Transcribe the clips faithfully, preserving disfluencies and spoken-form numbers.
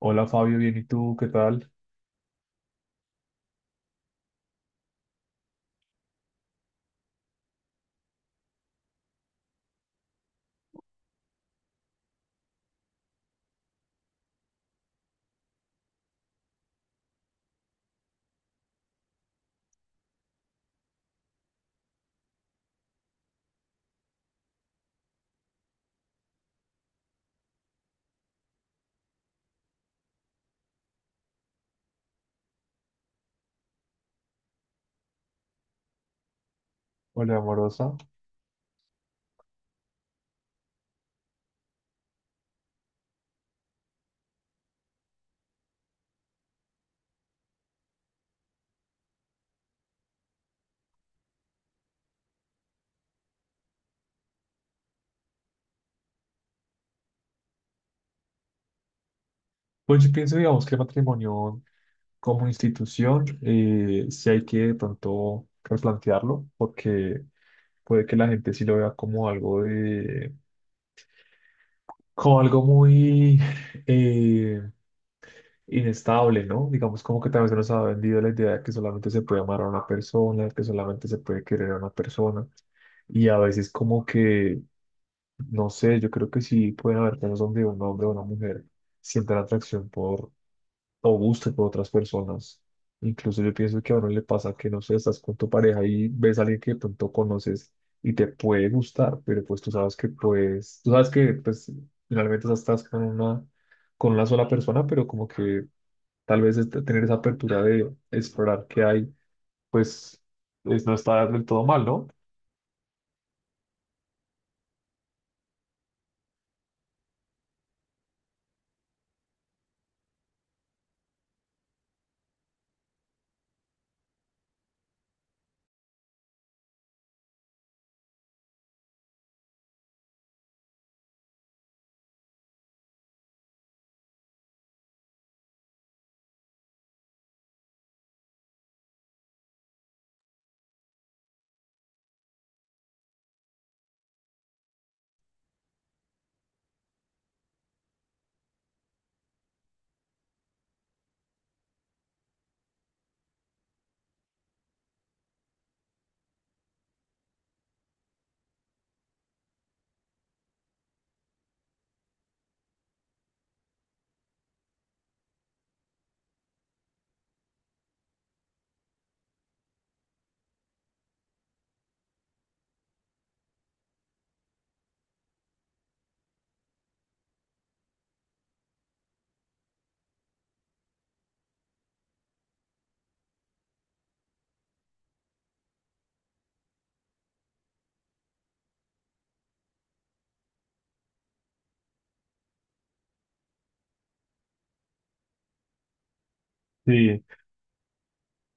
Hola Fabio, bien, ¿y tú? ¿Qué tal? Hola amorosa. Pues yo pienso, digamos, que el matrimonio como institución eh, sí hay que de pronto replantearlo, porque puede que la gente sí lo vea como algo de, como algo muy eh, inestable, ¿no? Digamos como que tal vez no se nos ha vendido la idea de que solamente se puede amar a una persona, que solamente se puede querer a una persona, y a veces como que, no sé, yo creo que sí pueden haber casos donde un hombre o una mujer sientan atracción por o guste por otras personas. Incluso yo pienso que a uno le pasa que, no sé, estás con tu pareja y ves a alguien que de pronto conoces y te puede gustar, pero pues tú sabes que pues, tú sabes que pues finalmente o sea, estás con una, con una sola persona, pero como que tal vez este- tener esa apertura de explorar qué hay, pues es- no está del todo mal, ¿no? Sí,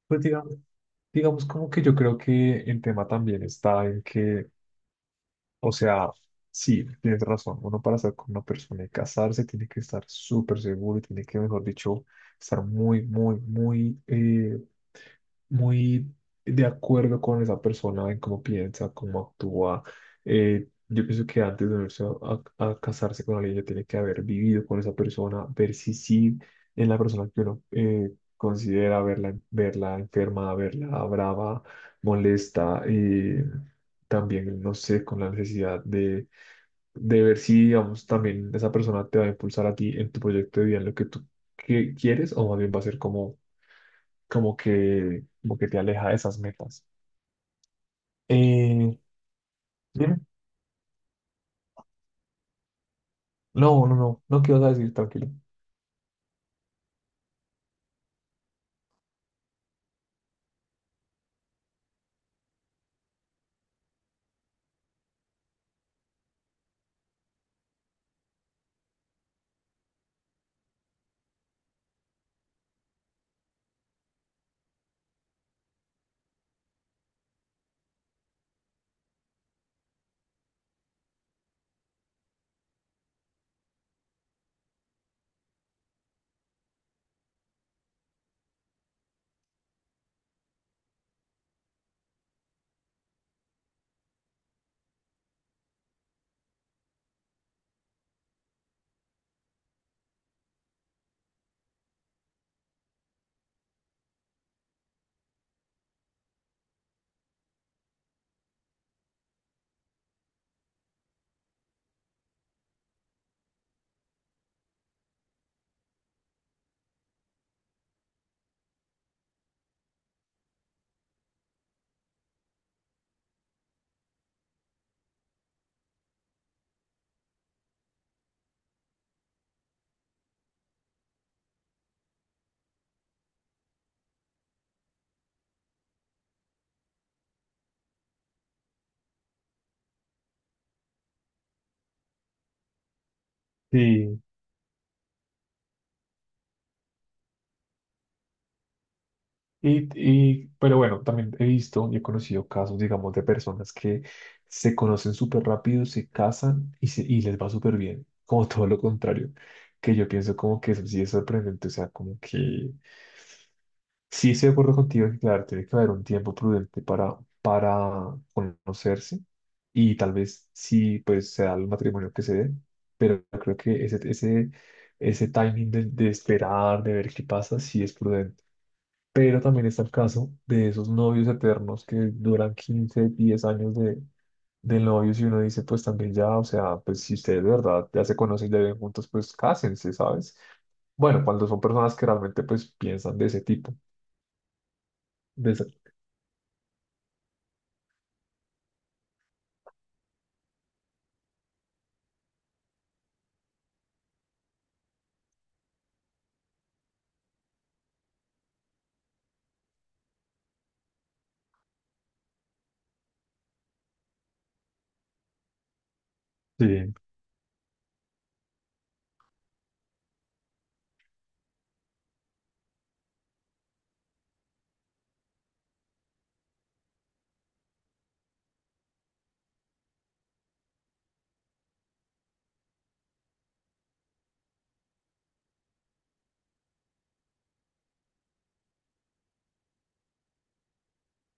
pues digamos, digamos como que yo creo que el tema también está en que o sea, sí, tienes razón. Uno para estar con una persona y casarse tiene que estar súper seguro y tiene que, mejor dicho, estar muy, muy, muy, eh, muy de acuerdo con esa persona en cómo piensa, cómo actúa. Eh, yo pienso que antes de unirse a, a- a casarse con alguien ya tiene que haber vivido con esa persona, ver si sí es la persona que uno eh, considera verla, verla enferma, verla brava, molesta. eh, también, no sé, con la necesidad de, de ver si, digamos, también esa persona te va a impulsar a ti en tu proyecto de vida, en lo que tú que- quieres, o más bien va a ser como como que, como que te aleja de esas metas. Eh, dime. No, no, no, no quiero decir, tranquilo. Sí, y, y, pero bueno, también he visto y he conocido casos, digamos, de personas que se conocen súper rápido, se casan y, se- y les va súper bien, como todo lo contrario, que yo pienso como que eso sí es sorprendente, o sea, como que sí, estoy de acuerdo contigo que, claro, tiene que haber un tiempo prudente para, para conocerse y tal vez sí, pues se da el matrimonio que se dé, pero creo que ese, ese, ese timing de, de esperar, de ver qué pasa, sí es prudente. Pero también está el caso de esos novios eternos que duran quince diez años de, de novios y uno dice, pues también ya, o sea, pues si ustedes de verdad ya se conocen, ya viven juntos, pues cásense, ¿sabes? Bueno, cuando son personas que realmente pues piensan de ese tipo, de esa. Sí,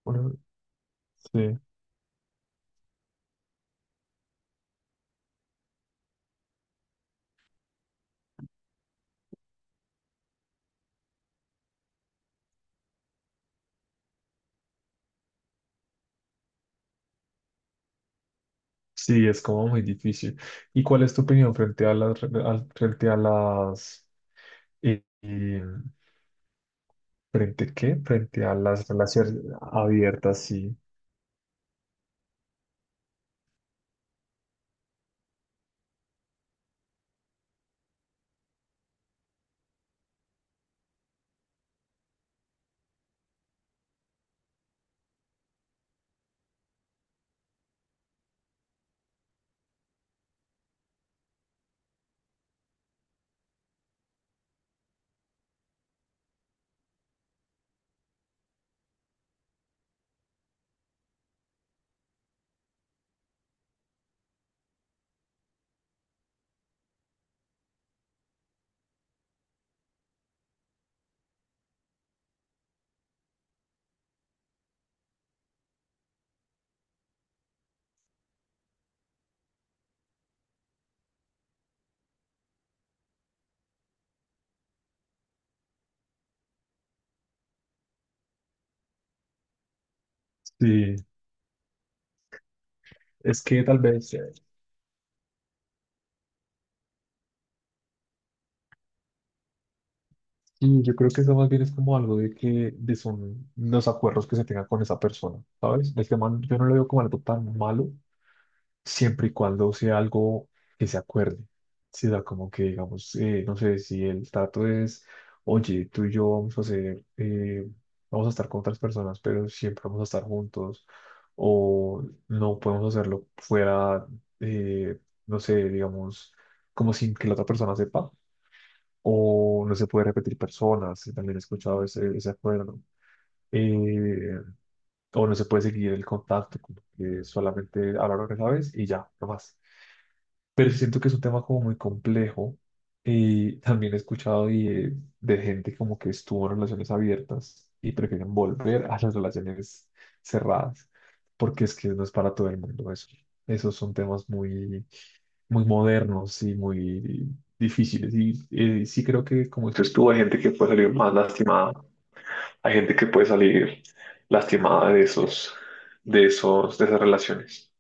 bueno, sí, sí, es como muy difícil. ¿Y cuál es tu opinión frente a las, re- al- frente a las, eh, eh, frente qué? Frente a las relaciones abiertas, sí. Sí, es que tal vez, eh, sí, yo creo que eso más bien es como algo de que, de son los acuerdos que se tengan con esa persona, ¿sabes? Del que man, yo no lo veo como algo tan malo, siempre y cuando sea algo que se acuerde. Sí, o sea, como que digamos, eh, no sé, si el trato es, oye, tú y yo vamos a hacer, eh, vamos a estar con otras personas, pero siempre vamos a estar juntos, o no podemos hacerlo fuera, eh, no sé, digamos, como sin que la otra persona sepa, o no se puede repetir personas, si también he escuchado ese, ese acuerdo. eh, o no se puede seguir el contacto, como que solamente hablar una vez y ya, no más, pero siento que es un tema como muy complejo y también he escuchado y, eh, de gente como que estuvo en relaciones abiertas y prefieren volver a las relaciones cerradas, porque es que no es para todo el mundo eso. Esos son temas muy, muy modernos y muy difíciles y eh, sí creo que como dices tú, hay gente que puede salir más lastimada, hay gente que puede salir lastimada de esos, de esos, de esas relaciones.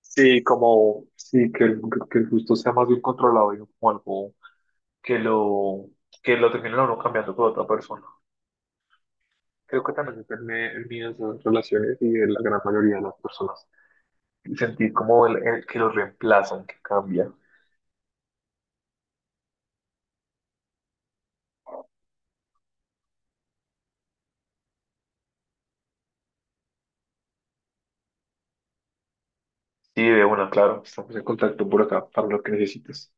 Sí, como, sí, que el, que el gusto sea más bien controlado y no como algo que lo, que lo termine uno cambiando por otra persona. Creo que también depende el miedo de esas relaciones y de la gran mayoría de las personas. Sentir como el, el que lo reemplazan, que cambia. Sí, de una, claro, estamos en contacto por acá para lo que necesites.